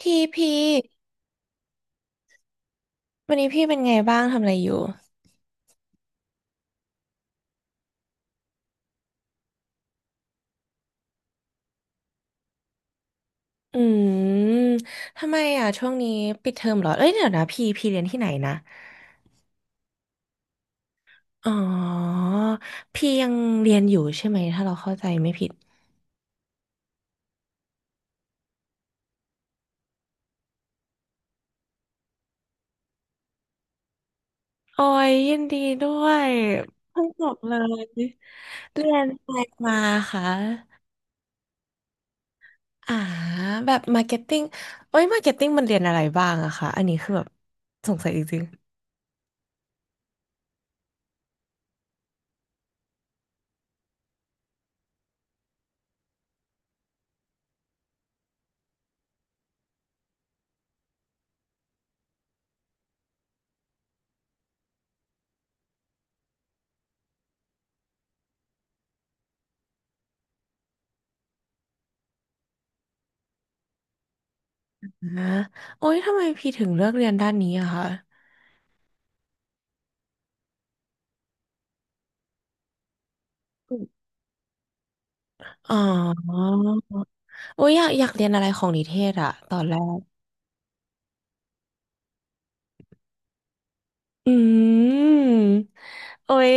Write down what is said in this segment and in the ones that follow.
ทีพีวันนี้พี่เป็นไงบ้างทำอะไรอยู่อืมทำไมอ่ะช่วงนี้ปิดเทอมเหรอเอ้ยเดี๋ยวนะพี่เรียนที่ไหนนะอ๋อพี่ยังเรียนอยู่ใช่ไหมถ้าเราเข้าใจไม่ผิดโอ้ยยินดีด้วยเพิ่งจบเลยเรียนอะไรมาคะอ่าแบบมาร์เก็ตติ้งโอ้ยมาร์เก็ตติ้งมันเรียนอะไรบ้างอะคะอันนี้คือแบบสงสัยจริงๆนะโอ้ยทำไมพี่ถึงเลือกเรียนด้านนี้อะคะอ๋อ โอ้ยอยากเรียนอะไรของนิเทศอะตอนแรก อืมโอ้ย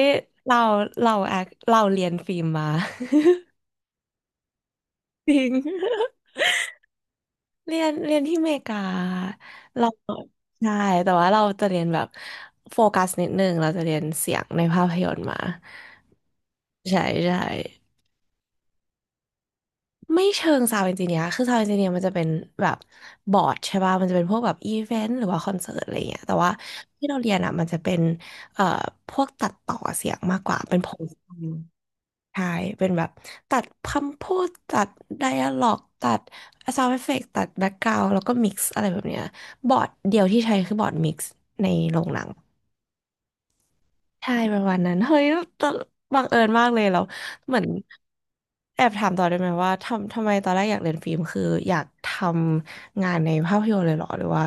เราเราแอคเราเรียนฟิล์มมา จริงเรียนเรียนที่อเมริกาเราใช่แต่ว่าเราจะเรียนแบบโฟกัสนิดนึงเราจะเรียนเสียงในภาพยนตร์มาใช่ใช่ ไม่เชิงซาวด์เอนจิเนียร์คือซาวด์เอนจิเนียร์มันจะเป็นแบบบอร์ดใช่ป่ะมันจะเป็นพวกแบบอีเวนต์หรือว่าคอนเสิร์ตอะไรเงี้ยแต่ว่าที่เราเรียนอ่ะมันจะเป็นเอ่อพวกตัดต่อเสียงมากกว่า เป็นโพสต์ใช่ เป็นแบบตัดคำพูดตัดไดอะล็อกตัดซาวด์เอฟเฟกต์ตัดแบ็กกราวด์แล้วก็มิกซ์อะไรแบบเนี้ยบอร์ดเดียวที่ใช้คือบอร์ดมิกซ์ในโรงหนัง ใช่ประมาณนั้นเฮ้ยตอนบังเอิญมากเลยเราเหมือนแอบถามต่อได้ไหมว่าทำทำไมตอนแรกอยากเรียนฟิล์มคืออยากทำงานในภาพยนตร์เลยเหรอหรือว่า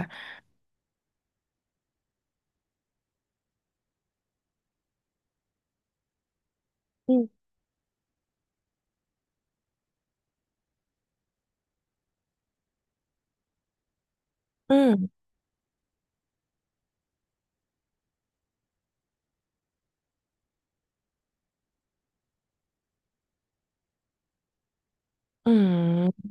อืมอืมอืม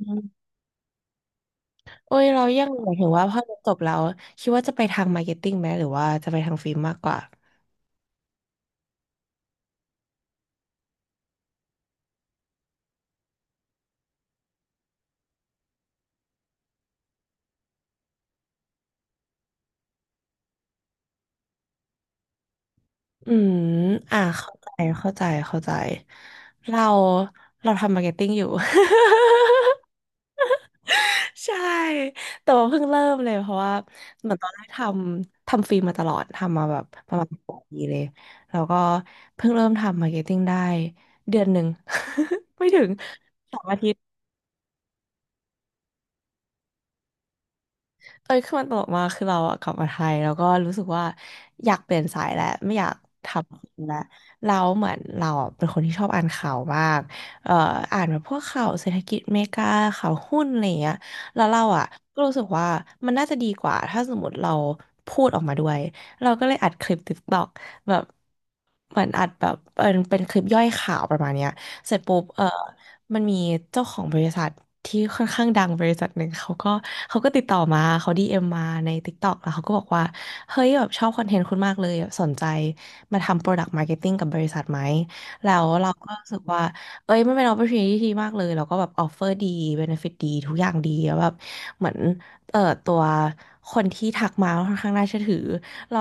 โอ้ยเรายังหมายถึงว่าพอเรียนจบแล้วคิดว่าจะไปทางมาร์เก็ตติ้งไหมหรือว่าจะไปทางฟิล์มมากกว่าอืมอ่าเข้าใจเข้าใจเรา เราทำมาร์เก็ตติ้งอยู่ ใช่แต่ว่าเพิ่งเริ่มเลยเพราะว่าเหมือนตอนแรกทำฟิล์มมาตลอดทำมาแบบประมาณสอปีเลยแล้วก็เพิ่งเริ่มทำมาร์เก็ตติ้งได้เดือนหนึ่ง ไม่ถึงสองอาทิตย์ เอ้ยคือมันตลกมากคือเราอะกลับมาไทยแล้วก็รู้สึกว่าอยากเปลี่ยนสายแล้วไม่อยากทำแล้วเราเหมือนเราอะเป็นคนที่ชอบอ่านข่าวมากเอ่ออ่านแบบพวกข่าวเศรษฐกิจอเมริกาข่าวหุ้นอะไรอย่างเงี้ยแล้วเราอะก็รู้สึกว่ามันน่าจะดีกว่าถ้าสมมติเราพูดออกมาด้วยเราก็เลยอัดคลิป t i k t อ k แบบเหมือนอัดแบบเป็นคลิปย่อยข่าวประมาณเนี้ย เสร็จปุ๊บเออมันมีเจ้าของบริษัทที่ค่อนข้างดังบริษัทหนึ่งเขาก็ติดต่อมาเขาดีเอ็มมาใน TikTok แล้วเขาก็บอกว่า เฮ้ยแบบชอบคอนเทนต์คุณมากเลยแบบสนใจมาทำ Product Marketing กับบริษัทไหมแล้วเราก็รู้สึกว่าเอ้ยมันเป็น opportunity ที่ดีมากเลยแล้วก็แบบออฟเฟอร์ดี benefit ดีทุกอย่างดีแล้วแบบเหมือนตัวคนที่ทักมาค่อนข้างน่าเชื่อถือเรา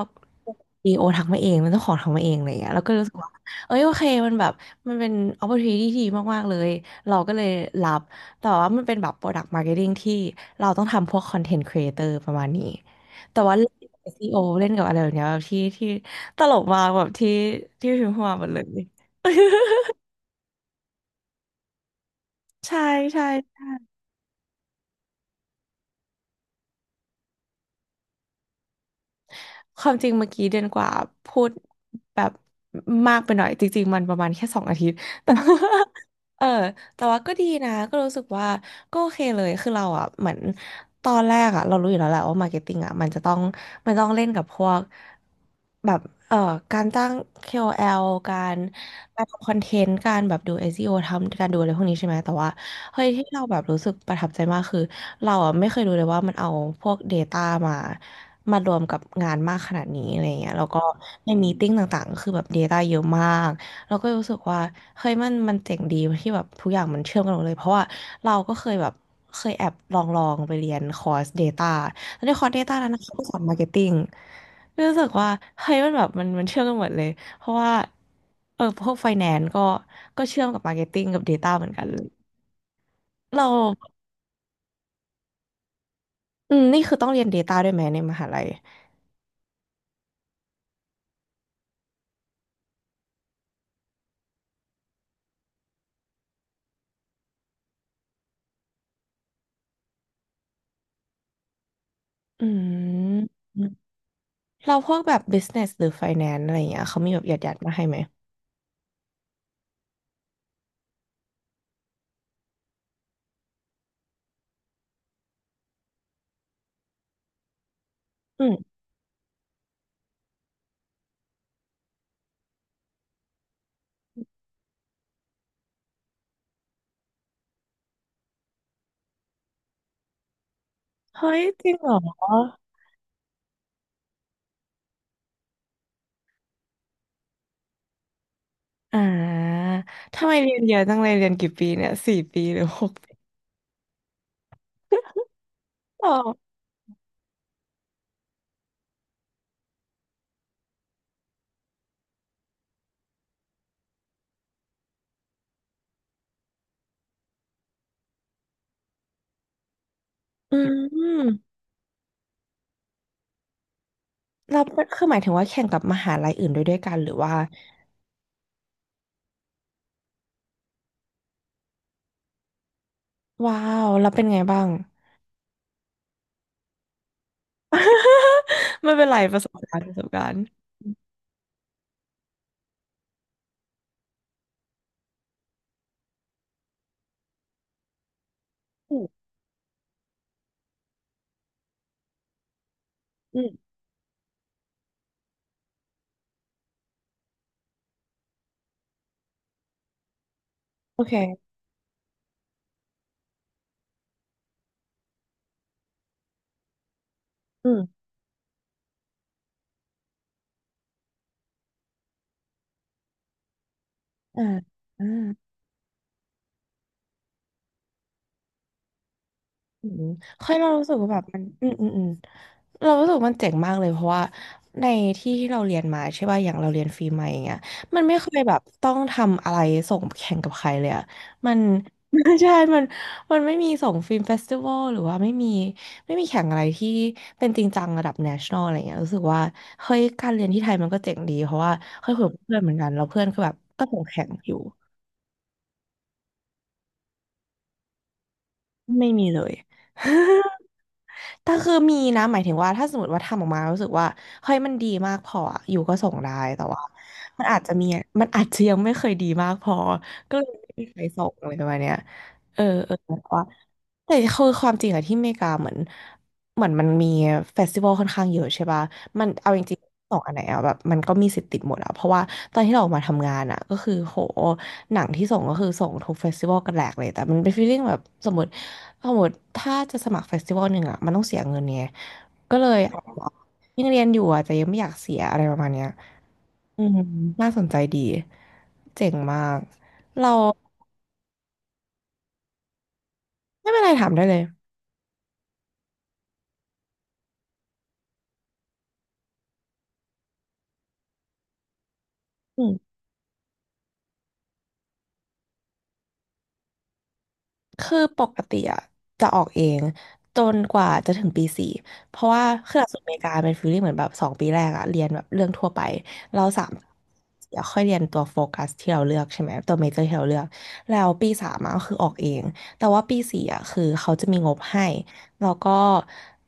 ดีโอทักมาเอง มันต้องขอทักมาเองอะไรอย่างเงี้ยแล้วก็เลยรู้สึกว่า เอ้ยโอเค มันแบบ มันเป็น opportunity ที่ดีมากๆเลย เราก็เลยรับ แต่ว่ามันเป็นแบบ product marketing ที่เราต้องทำพวก content creator ประมาณนี้ แต่ว่าเล่นกับ SEO เล่นกับอะไรแบบเนี้ยแบบที่ตลกมากแบบที่พิมพ์เข้ามาหมดเลย ใช่ใช่ความจริงเมื่อกี้เดือนกว่าพูดแบบมากไปหน่อยจริงๆมันประมาณแค่สองอาทิตย์ แต่ เออแต่ว่าก็ดีนะก็รู้สึกว่าก็โอเคเลยคือเราอ่ะเหมือนตอนแรกอ่ะเรารู้อยู่แล้วแหละว่ามาร์เก็ตติ้งอ่ะมันจะต้องมันต้องเล่นกับพวกแบบเอ่อการตั้ง KOL การทำคอนเทนต์การแบบดู SEO ทำการดูอะไรพวกนี้ใช่ไหมแต่ว่าเฮ้ยที่เราแบบรู้สึกประทับใจมากคือเราอ่ะไม่เคยรู้เลยว่ามันเอาพวก Data มามารวมกับงานมากขนาดนี้อะไรเงี้ยแล้วก็ในมีติ้งต่างๆก็คือแบบ Data เยอะมาก เราก็รู้สึกว่าเฮ้ยมันเจ๋งดีที่แบบทุกอย่างมันเชื่อมกันหมดเลยเพราะว่าเราก็เคยแบบเคยแอบลองไปเรียนคอร์ส Data แล้วในคอร์ส Data นั้นนะเขาก็สอนมาร์เก็ตติ้งรู้สึกว่าเฮ้ยมันแบบมันเชื่อมกันหมดเลยเพราะว่าเออพวกไฟแนนซ์ก็เชื่อมกับมาร์เก็ตติ้งกับ Data เหมือนกันเลยเราอืมนี่คือต้องเรียน Data ด้วยไหมในมหาลัยอืมเราพวกแบบ business หรือ finance อะไรอย่างเงี้ยเขามีแบบหยัดๆมาให้ไหมอืมเฮ้ยจริงเหรอ อ่า ทำไมเรียนเยอะจังเลยเรียนกี่ปีเนี่ย4 ปีหรือ6 ปีอ๋ออืมเราเป็นคือหมายถึงว่าแข่งกับมหาลัยอื่นด้วยกันหรือว่าว้าวเราเป็นไงบ้าง ไม่ เป็นไรประสบการณ์ประสบการณ์อืมอืมโอเคอืมอ่าอ่า อืมค่อยเรารู้สึกว่าแบบมันเรารู้สึกว่ามันเจ๋งมากเลยเพราะว่าในที่ที่เราเรียนมาใช่ป่ะอย่างเราเรียนฟรีมาอย่างเงี้ยมันไม่เคยแบบต้องทำอะไรส่งแข่งกับใครเลยอะมัน ใช่มันไม่มีส่งฟิล์มเฟสติวัลหรือว่าไม่มีไม่มีแข่งอะไรที่เป็นจริงจังระดับ national อะไรเงี้ยรู้สึกว่าเฮ้ยการเรียนที่ไทยมันก็เจ๋งดีเพราะว่าเคยคุยกับเพื่อนเหมือนกันแล้วเพื่อนก็แบบก็ส่งแข่งอยู่ไม่มีเลย แต่คือมีนะหมายถึงว่าถ้าสมมติว่าทำออกมารู้สึกว่าเฮ้ยมันดีมากพออะอยู่ก็ส่งได้แต่ว่ามันอาจจะมีมันอาจจะยังไม่เคยดีมากพอก็เลยไม่มีใครส่งอะไรประมาณเนี้ยเออแต่ว่าแต่คือความจริงอะที่อเมริกาเหมือนมันมีเฟสติวัลค่อนข้างเยอะใช่ป่ะมันเอาจริงๆสองอันไหนอะแบบมันก็มีสิทธิ์ติดหมดอะเพราะว่าตอนที่เราออกมาทำงานอะก็คือโหหนังที่ส่งก็คือส่งทุกเฟสติวัลกันแหลกเลยแต่มันเป็นฟีลลิ่งแบบสมมติ เอาหมดถ้าจะสมัครเฟสติวัลหนึ่งอ่ะมันต้องเสียเงินไงก็เลยอยังเรียนอยู่อ่ะแต่ยังไม่อยากเสียอะไรประมาณเนี้ยอืมน่าสนใจดี เจ๋งมาก เราไม่เป็นไรถามได้เลยอืม คือปกติอะจะออกเองจนกว่าจะถึงปีสี่เพราะว่าคือหลักสูตรอเมริกาเป็นฟีลลิ่งเหมือนแบบ2 ปีแรกอะเรียนแบบเรื่องทั่วไปเราสามเดี๋ยวค่อยเรียนตัวโฟกัสที่เราเลือกใช่ไหมตัวเมเจอร์ที่เราเลือกแล้วปี 3อะก็คือออกเองแต่ว่าปีสี่อะคือเขาจะมีงบให้แล้วก็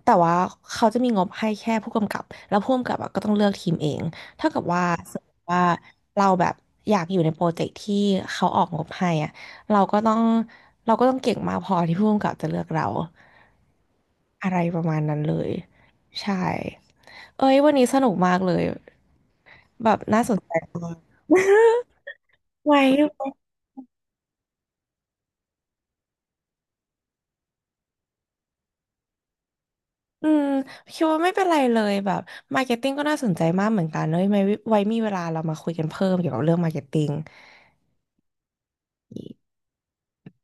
แต่ว่าเขาจะมีงบให้แค่ผู้กำกับแล้วผู้กำกับอะก็ต้องเลือกทีมเองเท่ากับว่าสมมติว่าเราแบบอยากอยู่ในโปรเจกต์ที่เขาออกงบให้อะ เราก็ต้องเราก็ต้องเก่งมากพอที่ผู้กำกับจะเลือกเราอะไรประมาณนั้นเลยใช่เอ้ยวันนี้สนุกมากเลยแบบน่าสนใจมาก ไว้อืมคิดว่าไม่เป็นไรเลยแบบมาร์เก็ตติ้งก็น่าสนใจมากเหมือนกันเนอะไว้ไว้มีเวลาเรามาคุยกันเพิ่มเกี่ยวกับเรื่องมาร์เก็ตติ้ง